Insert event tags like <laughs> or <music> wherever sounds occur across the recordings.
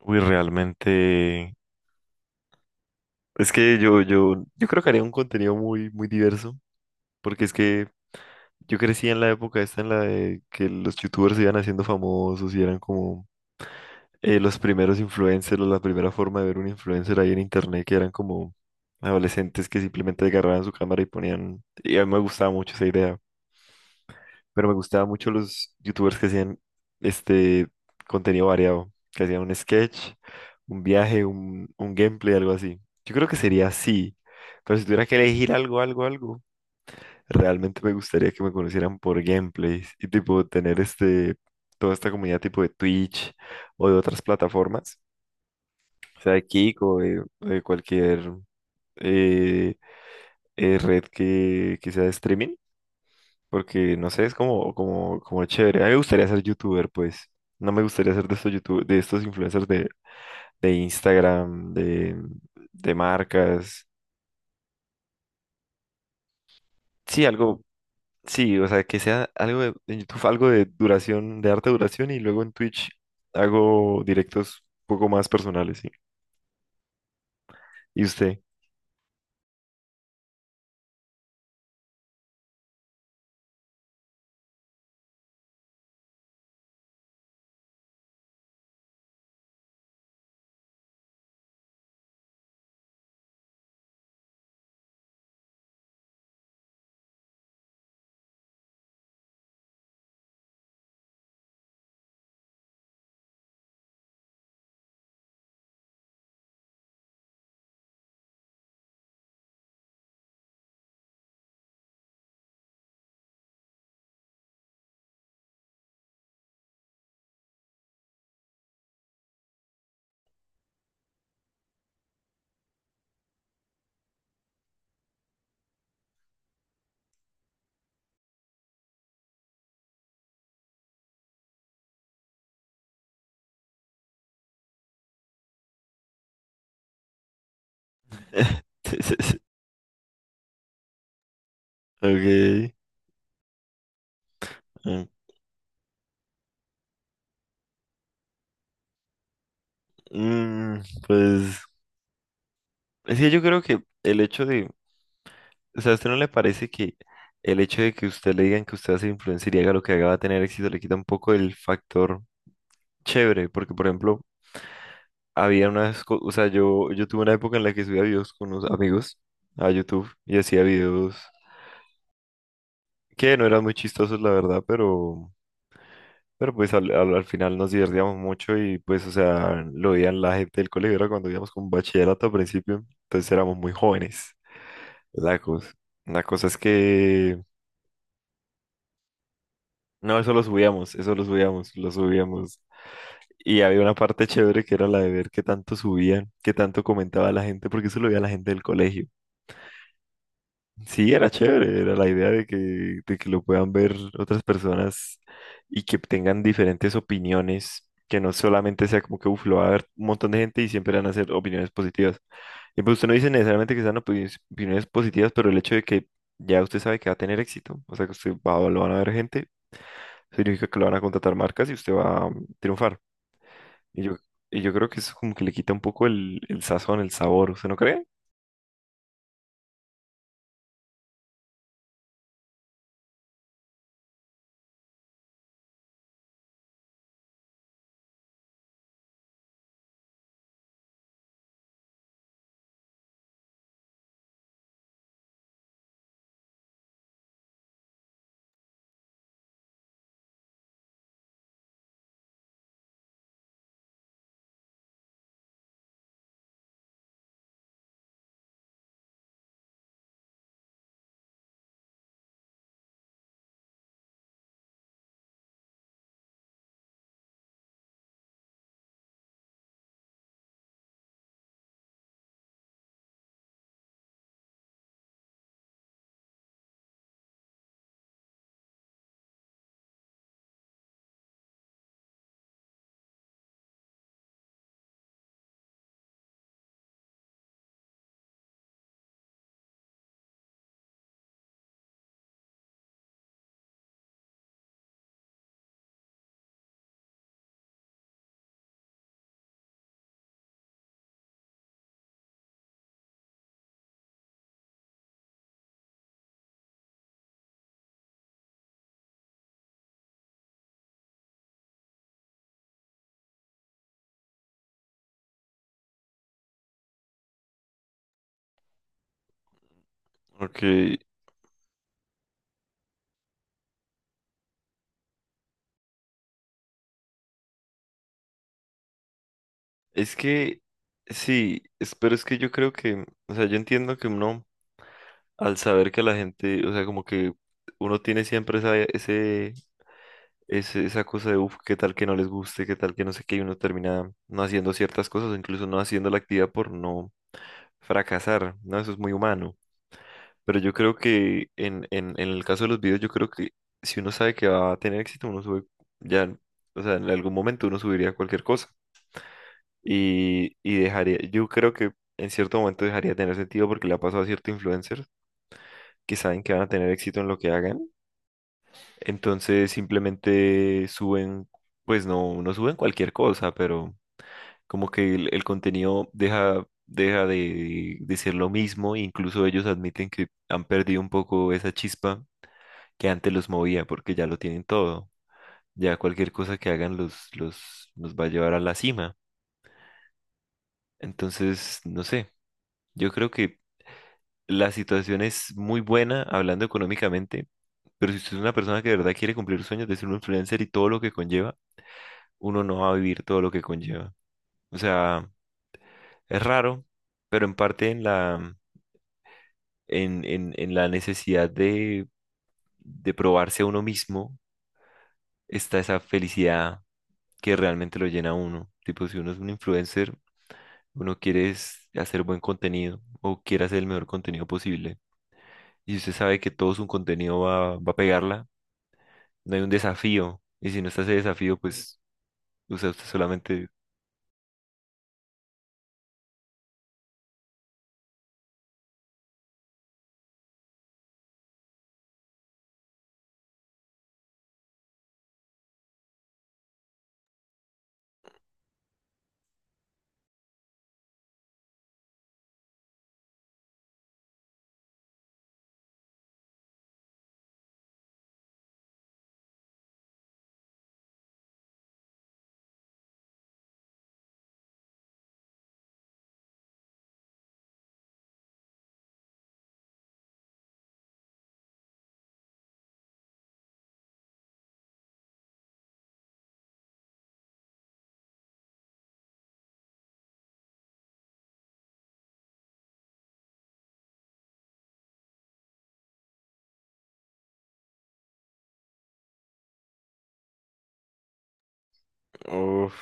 Uy, realmente. Es que yo creo que haría un contenido muy, muy diverso, porque es que yo crecí en la época esta en la de que los youtubers se iban haciendo famosos y eran como los primeros influencers o la primera forma de ver un influencer ahí en internet, que eran como adolescentes que simplemente agarraban su cámara y ponían. Y a mí me gustaba mucho esa idea. Pero me gustaban mucho los youtubers que hacían este contenido variado, que hacían un sketch, un viaje, un gameplay, algo así. Yo creo que sería así, pero si tuviera que elegir algo, realmente me gustaría que me conocieran por gameplays y tipo tener toda esta comunidad tipo de Twitch o de otras plataformas, sea de Kik o de cualquier eh, red que sea de streaming. Porque, no sé, es como chévere. A mí me gustaría ser youtuber, pues. No me gustaría ser de estos youtubers, de estos influencers de Instagram, de marcas. Sí, algo, sí, o sea, que sea algo de, en YouTube, algo de duración, de harta duración, y luego en Twitch hago directos un poco más personales, sí. ¿Y usted? <laughs> Sí, sí, sí. Ok. Mm, mm, pues, es que yo creo que el hecho de... O sea, ¿a usted no le parece que el hecho de que usted le digan que usted va a ser influencer y haga lo que haga va a tener éxito le quita un poco el factor chévere? Porque, por ejemplo, había unas cosas, o sea, yo tuve una época en la que subía videos con unos amigos a YouTube y hacía videos que no eran muy chistosos, la verdad, pero pues al final nos divertíamos mucho y pues, o sea, lo veían la gente del colegio, era cuando íbamos con bachillerato al principio, entonces éramos muy jóvenes, la cosa. La cosa es que... No, eso lo subíamos, lo subíamos. Y había una parte chévere que era la de ver qué tanto subían, qué tanto comentaba la gente, porque eso lo veía la gente del colegio. Sí, era chévere, era la idea de que lo puedan ver otras personas y que tengan diferentes opiniones, que no solamente sea como que, uf, lo va a ver un montón de gente y siempre van a ser opiniones positivas. Y pues usted no dice necesariamente que sean opiniones positivas, pero el hecho de que ya usted sabe que va a tener éxito, o sea que usted va, lo van a ver gente significa que lo van a contratar marcas y usted va a triunfar. Y yo, y yo creo que eso como que le quita un poco el sazón, el sabor, ¿usted no cree? Porque es que, sí, es... Pero es que yo creo que, o sea, yo entiendo que uno, al saber que la gente, o sea, como que uno tiene siempre esa cosa de, uff, qué tal que no les guste, qué tal que no sé qué, y uno termina no haciendo ciertas cosas, o incluso no haciendo la actividad por no fracasar, ¿no? Eso es muy humano. Pero yo creo que en el caso de los videos, yo creo que si uno sabe que va a tener éxito, uno sube ya, o sea, en algún momento uno subiría cualquier cosa y dejaría, yo creo que en cierto momento dejaría de tener sentido porque le ha pasado a ciertos influencers que saben que van a tener éxito en lo que hagan, entonces simplemente suben, pues no, no suben cualquier cosa, pero como que el contenido deja, deja de ser lo mismo, incluso ellos admiten que han perdido un poco esa chispa que antes los movía, porque ya lo tienen todo. Ya cualquier cosa que hagan los va a llevar a la cima. Entonces, no sé, yo creo que la situación es muy buena hablando económicamente, pero si usted es una persona que de verdad quiere cumplir sus sueños de ser un influencer y todo lo que conlleva, uno no va a vivir todo lo que conlleva. O sea, es raro, pero en parte en la, en la necesidad de probarse a uno mismo está esa felicidad que realmente lo llena a uno. Tipo, si uno es un influencer, uno quiere es hacer buen contenido o quiere hacer el mejor contenido posible. Y si usted sabe que todo su contenido va, va a pegarla, no hay un desafío. Y si no está ese desafío, pues, o sea, usted solamente... Uf.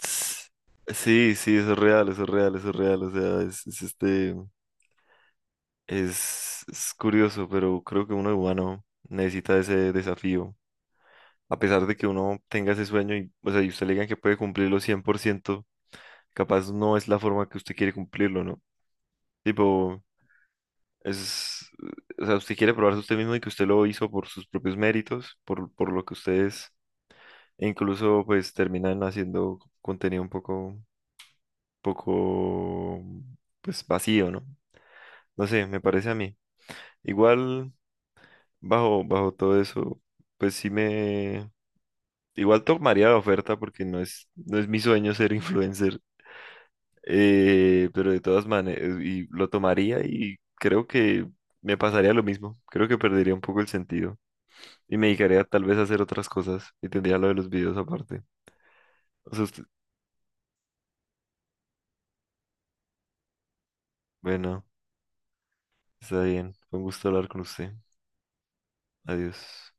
Ts- Sí, sí, eso es real, eso es real, eso es real. O sea, es es curioso, pero creo que uno humano necesita ese desafío. A pesar de que uno tenga ese sueño y, o sea, y usted le digan que puede cumplirlo 100%, capaz no es la forma que usted quiere cumplirlo, ¿no? Tipo, es, o sea, usted quiere probarse usted mismo y que usted lo hizo por sus propios méritos, por lo que ustedes, e incluso pues terminan haciendo contenido un poco, poco, pues vacío, ¿no? No sé, me parece a mí. Igual, bajo, bajo todo eso, pues sí me, igual tomaría la oferta porque no es, no es mi sueño ser <laughs> influencer. Pero de todas maneras, y lo tomaría y creo que me pasaría lo mismo. Creo que perdería un poco el sentido y me dedicaría tal vez a hacer otras cosas y tendría lo de los videos aparte. O sea, bueno, está bien. Fue un gusto hablar con usted. Adiós.